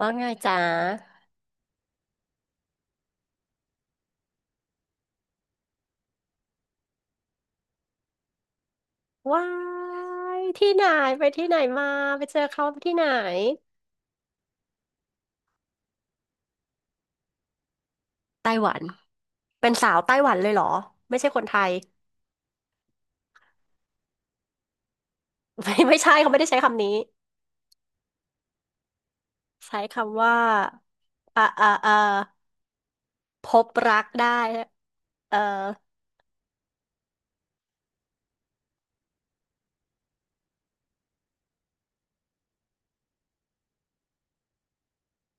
ว่าไงจ๊ะว้ายที่ไหนไปที่ไหนมาไปเจอเขาที่ไหนไต้หวันเป็นสาวไต้หวันเลยเหรอไม่ใช่คนไทย ไม่ใช่เขาไม่ได้ใช้คำนี้ใช้คำว่าอ่าอ่าอ่าพบรักได้เอ่อ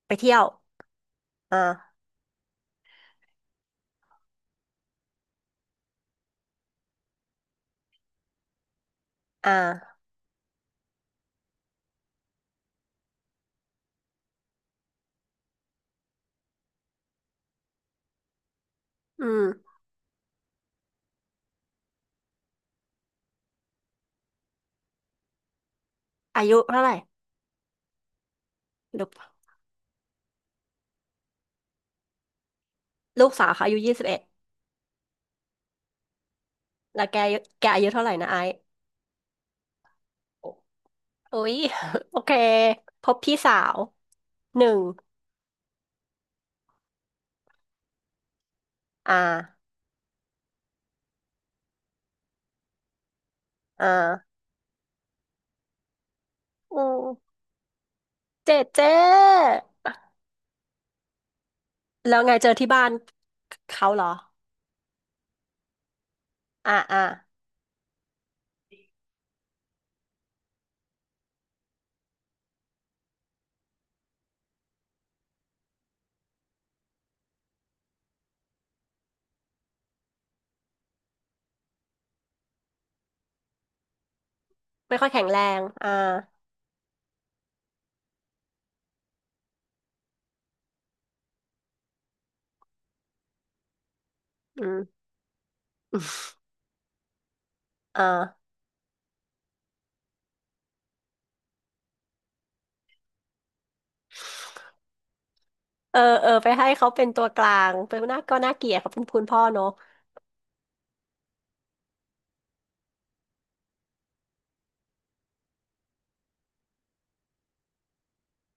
ไปเที่ยวอ่าอ่าอืมอายุเท่าไหร่ลูกลูกสาวเขาอายุยี่สิบเอ็ดแล้วแกอายุเท่าไหร่นะไอซ์โอโอ้ย โอเคพบพี่สาวหนึ่งอ่าอ่าอืม เจ๊เจ๊แล้วไงเจอที่บ้านเขาเหรออ่าอ่าไม่ค่อยแข็งแรงอ่าอืม อ่าเออไปให้เขาเป็นตัวกลางเป็นหน้าก็น่าเกลียดเขาเป็นคุณพ่อเนอะ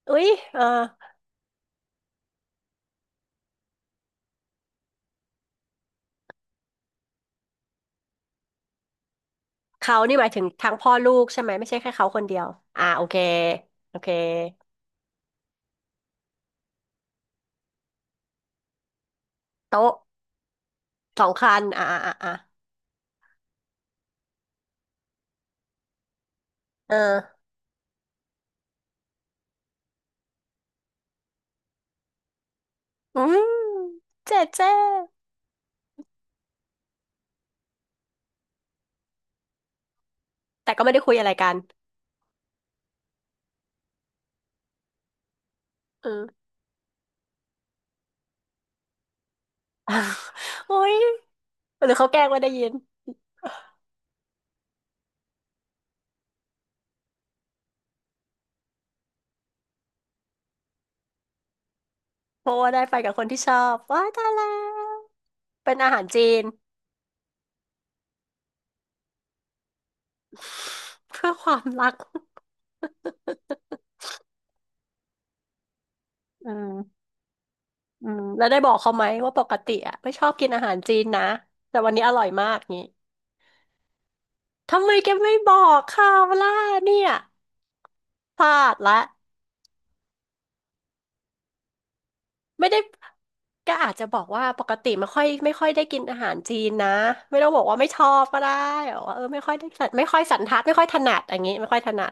อุ้ยเออเขานี่หมายถึงทั้งพ่อลูกใช่ไหมไม่ใช่แค่เขาคนเดียวโอเคโอเคโต๊ะสองคันเอออืมเจ๊เจ๊แต่ก็ไม่ได้คุยอะไรกันอืม โอ้ยหรือเขาแกล้งไม่ได้ยิน เพราะว่าได้ไปกับคนที่ชอบว้ายตายแล้วเป็นอาหารจีน เพื่อความรักอืมอืมแล้วได้บอกเขาไหมว่าปกติอะไม่ชอบกินอาหารจีนนะแต่วันนี้อร่อยมากงี้ทำไมแกไม่บอกเขาล่ะเนี่ยพลาดละไม่ได้ก็อาจจะบอกว่าปกติไม่ค่อยได้กินอาหารจีนนะไม่ต้องบอกว่าไม่ชอบก็ได้บอกว่าเออไม่ค่อยได้สันไม่ค่อยสันทัดไม่ค่อยถนัดอย่างงี้ไม่ค่อยถนัด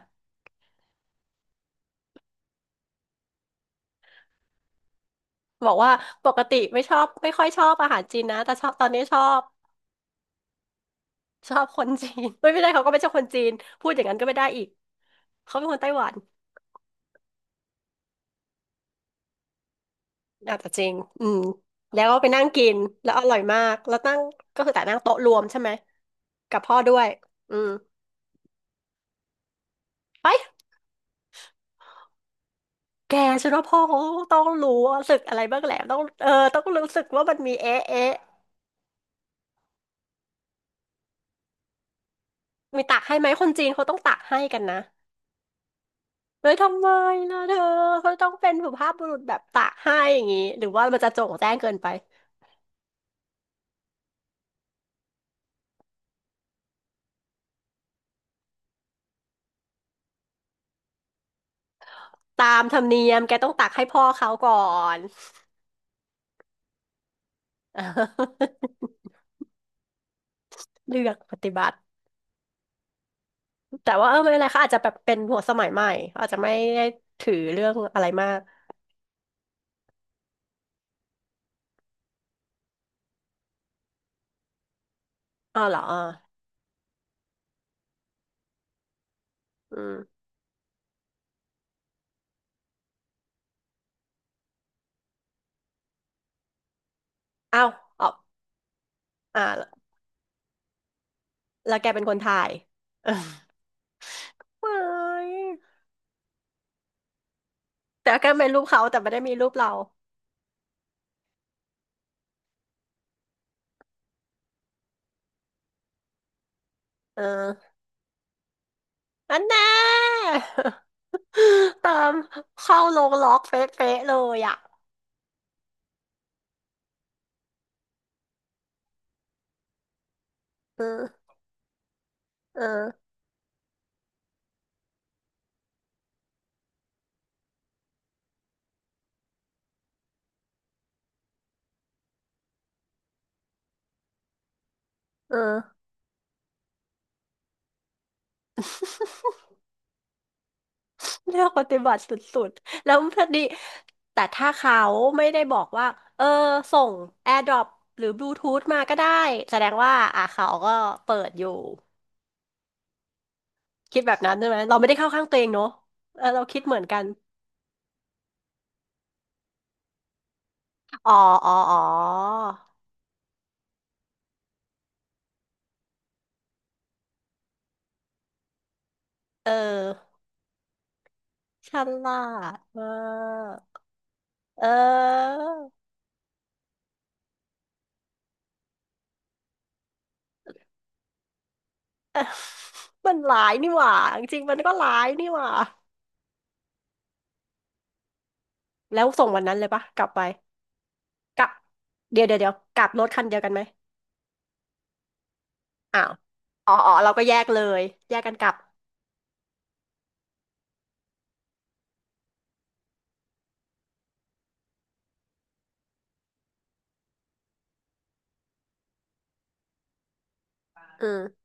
บอกว่าปกติไม่ชอบไม่ค่อยชอบอาหารจีนนะแต่ชอบตอนนี้ชอบ ชอบคนจีน ไม่ได้เขาก็ไม่ใช่คนจีนพูดอย่างนั้นก็ไม่ได้อีกเขาเป็นคนไต้หวันอะแต่จริงอืมแล้วก็ไปนั่งกินแล้วอร่อยมากแล้วนั่งก็คือแต่นั่งโต๊ะรวมใช่ไหมกับพ่อด้วยอืมไปแกฉันว่าพ่อเขาต้องรู้สึกอะไรบ้างแหละต้องเออต้องรู้สึกว่ามันมีเอ๊ะมีตักให้ไหมคนจีนเขาต้องตักให้กันนะเลยทำไมล่ะเธอเขาต้องเป็นสุภาพบุรุษแบบตักให้อย่างงี้หรือว่ามันจะโจ่งแจ้งเกินไปตามธรรมเนียมแกต้องตักให้พ่อเขาก่อน อ่า เลือกปฏิบัติแต่ว่าเออไม่เป็นไรค่ะอาจจะแบบเป็นหัวสมัยใหม่เขาอาจจะไม่ได้ถือเรื่องอะไรมากอ้าวเหรออ่าอืมอ้าวอ๋ออ่าแล้วแกเป็นคนถ่าย เออว้ายแต่แกเป็นรูปเขาแต่ไม่ได้มีรูปเราเอออันแน่ ตามเข้าลงล็อกเฟะๆเลยอ่ะเออเออเออ เลือกปฏิบัติสุดๆ แล้วพอดีแต่ถ้าเขาไม่ได้บอกว่าเออส่ง AirDrop หรือบลูทูธมาก็ได้แสดงว่าอ่ะเขาก็เปิดอยู่คิดแบบนั้นใช่ไหมเราไม่ได้เข้าข้างตัวเองเนอะเออเราคิดเหมือนกันอ๋ออ๋ออ๋อเออฉลาดมากเออ มันหลายนี่หว่าจริงๆมันก็หลายนี่หว่าแล้วส่งวันนั้นเลยปะกลับไปกลับเดี๋ยวกลับรถคันเดียวกันไหม อ้าวอ๋อเราก็แยกเลย แยกกันกลับเออ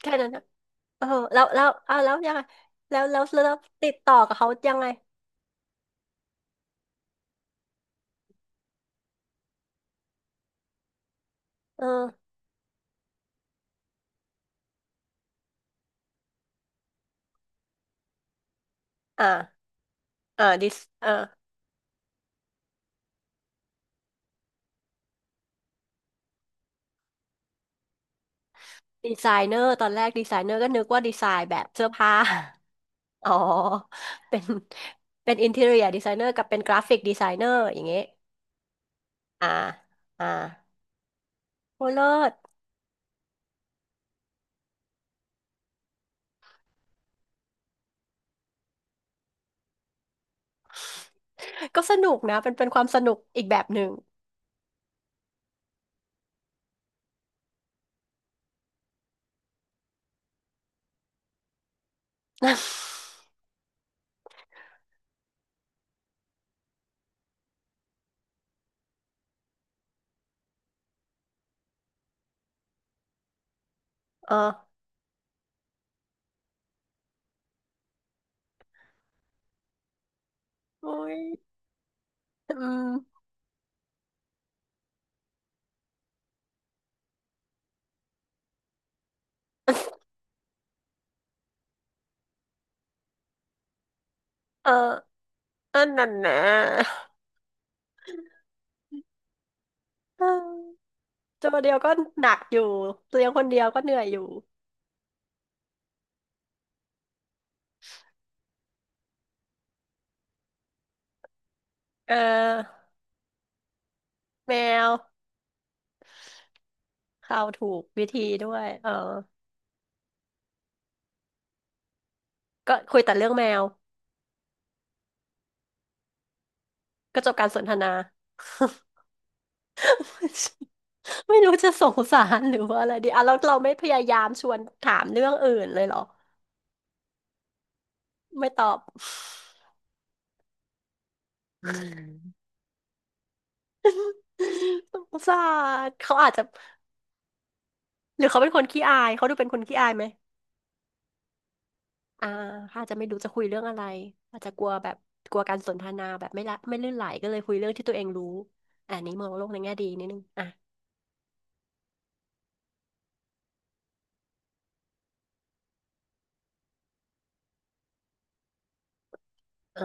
แค่นั้นนะเออแล้วอ้าวแล้วยังไงแล้วติดต่อกับเขายังไงเอออ่าดีเอาดีไซเนอร์ตอนแรกดีไซเนอร์ก็นึกว่าดีไซน์แบบเสื้อผ้าอ๋อเป็นเป็นอินทีเรียดีไซเนอร์กับเป็นกราฟิกดีไซเนอร์อย่างเงี้ยอ่า อ่าโอ้เลิศ ก็สนุกนะเป็นเป็นความสนุกอีกแบบหนึ่ง เออโอ้ยอืมเออ เ่อนั่นนะ เออตัวเดียวก็หนักอยู่เลี้ยงคนเดียวก็เหนื่อยอยู่เออแมวเข้าถูกวิธีด้วยเออก็คุยแต่เรื่องแมวก็จบการสนทนา ไม่รู้จะสงสารหรือว่าอะไรดีอ่ะเราไม่พยายามชวนถามเรื่องอื่นเลยเหรอไม่ตอบอืม สงสารเขาอาจจะหรือเขาเป็นคนขี้อายเขาดูเป็นคนขี้อายไหม อ่าเขาอาจจะไม่รู้จะคุยเรื่องอะไรอาจจะกลัวแบบกลัวการสนทนาแบบไม่ลื่นไหลก็เลยคุยเรื่องที่ตัวเองรู้อ่านี้มองโลกในแง่ดีนิดนึงอ่ะเออ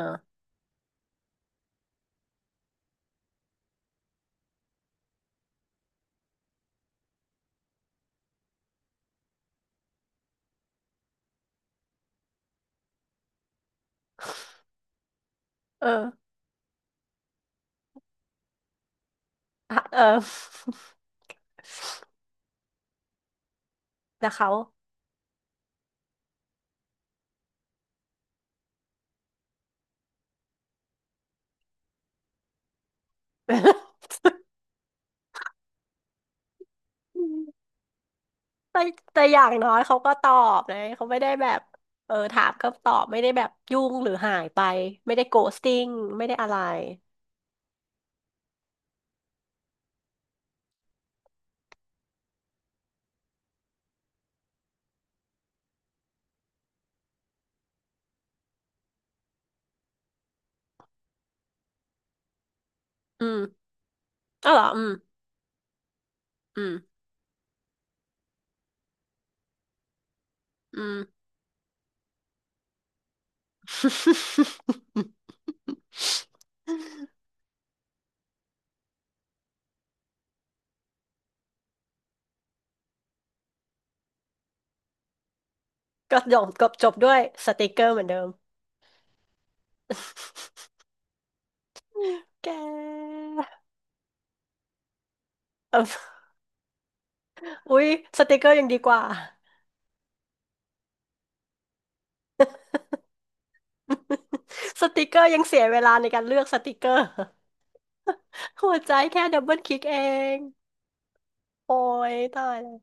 เออเออ แล้วเขา แต่แต่อย่างน้อยเขาก็ตอบนะเขาไม่ได้แบบเออถามก็ตอบไม่ได้แบบยุ่งหรือหายไปไม่ได้โกสติ้งไม่ได้อะไรอืมอ๋อเหรออืมอืมอืม ก็จบก็จบด้วยสติกเกอร์เหมือนเดิม แกเอออุ๊ยสติกเกอร์ยังดีกว่า สติกเกอร์ยังเสียเวลาในการเลือกสติกเกอร์หัวใจแค่ดับเบิลคลิกเองโอ้ยตายเลย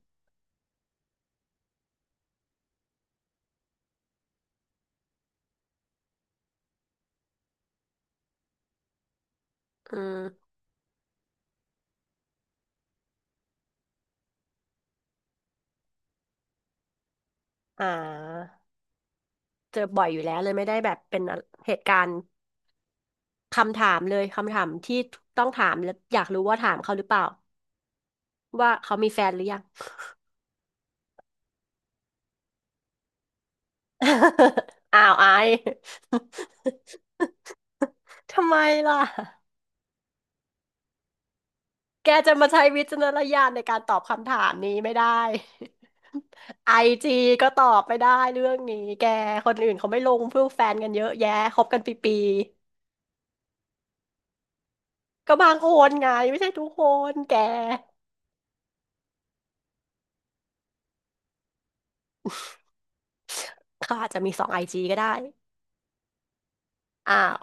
อืมอ่าเจอบ่อยอยู่แล้วเลยไม่ได้แบบเป็นเหตุการณ์คำถามเลยคำถามที่ต้องถามแล้วอยากรู้ว่าถามเขาหรือเปล่าว่าเขามีแฟนหรือยัง อ้าวไอาย ทำไมล่ะ แกจะมาใช้วิจารณญาณในการตอบคำถามนี้ไม่ได้ไอจีก็ตอบไม่ได้เรื่องนี้แกคนอื่นเขาไม่ลงเพื่อแฟนกันเยอะแยะคบกันปีๆก็บางคนไงไม่ใช่ทุกคนแกเขาอาจจะมีสองไอจีก็ได้อ้าว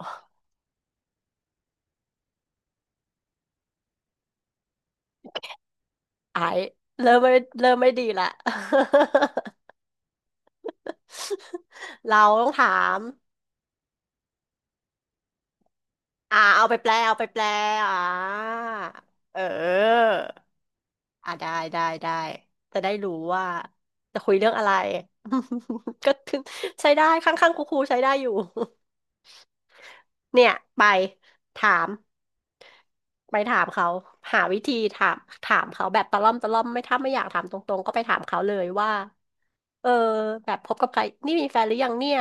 ไอเริ่มไม่เริ่มไม่ดีละ เราต้องถามอ่าเอาไปแปลเอาไปแปลอ่าเออ อ่ะได้ได้ได้จะได้รู้ว่าจะคุยเรื่องอะไร ก็คือใช้ได้ข้างๆครูๆใช้ได้อยู่ เนี่ยไปถามไปถามเขาหาวิธีถามถามเขาแบบตะล่อมตะล่อมไม่ถ้าไม่อยากถามตรงๆก็ไปถามเขาเลยว่าเออแบบพบกับใครนี่มีแฟนหรือยังเนี่ย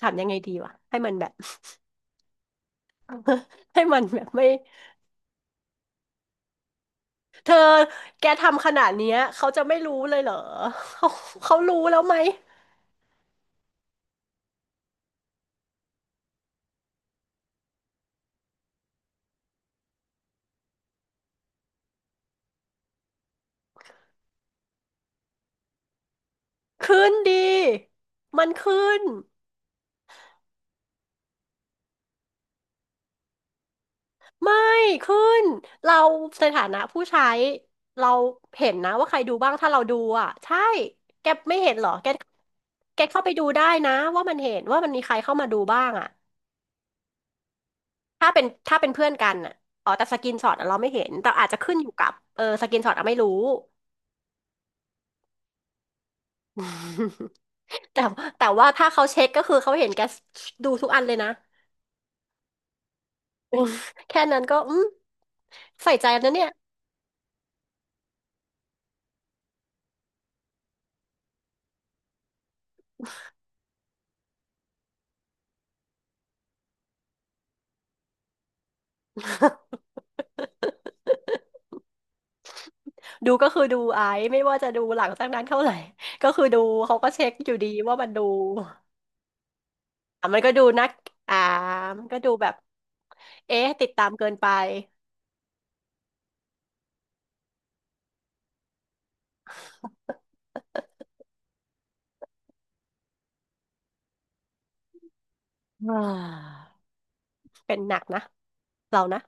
ถามยังไงดีวะให้มันแบบ ให้มันแบบไม่เธอแกทำขนาดเนี้ยเขาจะไม่รู้เลยเหรอ เขาเขารู้แล้วไหม ขึ้นดีมันขึ้น ไม่ขึ้นเราในฐานะผู้ใช้เราเห็นนะว่าใครดูบ้าง ถ้าเราดูอ่ะใช่แกไม่เห็นเหรอแกแกเข้าไปดูได้นะว่ามันเห็นว่ามันมีใครเข้ามาดูบ้างอ่ะถ้าเป็นเพื่อนกันอ่ะอ๋อแต่สกรนช็อตอะเราไม่เห็นแต่อาจจะขึ้นอยู่กับเออสกินช็อตอะไม่รู้ แต่แต่ว่าถ้าเขาเช็คก็คือเขาเห็นแกดูทุกอันเลยนะ แค่นั้นก็อืมใส่ใจนะเนี่ย ดูก็คือดูไอซ์ไม่ว่าจะดูหลังจากนั้นเท่าไหร่ ก็คือดูเขาก็เช็คอยู่ดีว่ามันดูอ่ะมันก็ดูนักอ่ามันก็ดูแบบเอ๊ะติดตามเกินไป อ่าเป็นหนักนะเรานะ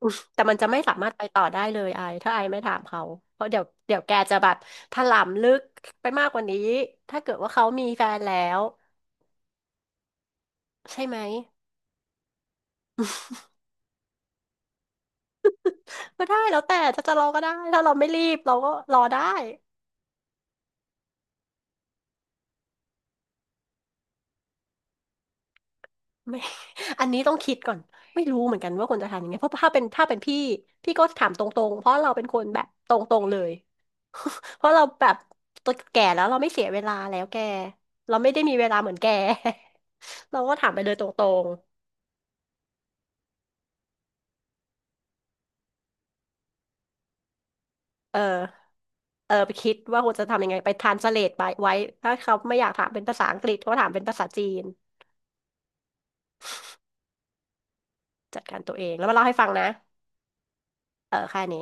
อืมแต่มันจะไม่สามารถไปต่อได้เลยไอถ้าไอไม่ถามเขาเพราะเดี๋ยวแกจะแบบถลำลึกไปมากกว่านี้ถ้าเกิดว่าเขามีแฟนแล้วใช่ไหมก็ได้แล้วแต่จะจะรอก็ได้ถ้าเราไม่รีบเราก็รอได้ ไม่ อันนี้ต้องคิดก่อน ไม่รู้เหมือนกันว่าควรจะทำยังไงเพราะถ้าเป็นพี่ พี่ก็ถามตรงๆ เพราะเราเป็นคนแบบตรงๆเลย เพราะเราแบบตัวแก่แล้วเราไม่เสียเวลาแล้วแกเราไม่ได้มีเวลาเหมือนแก เราก็ถามไปเลยตรงๆเออเออไปคิดว่าควรจะทำยังไงไปทรานสเลทไปไว้ถ้าเขาไม่อยากถามเป็นภาษาอังกฤษก็ถามเป็นภาษาจีนจัดการตัวเองแล้วมาเล่าให้ฟังนะเออแค่นี้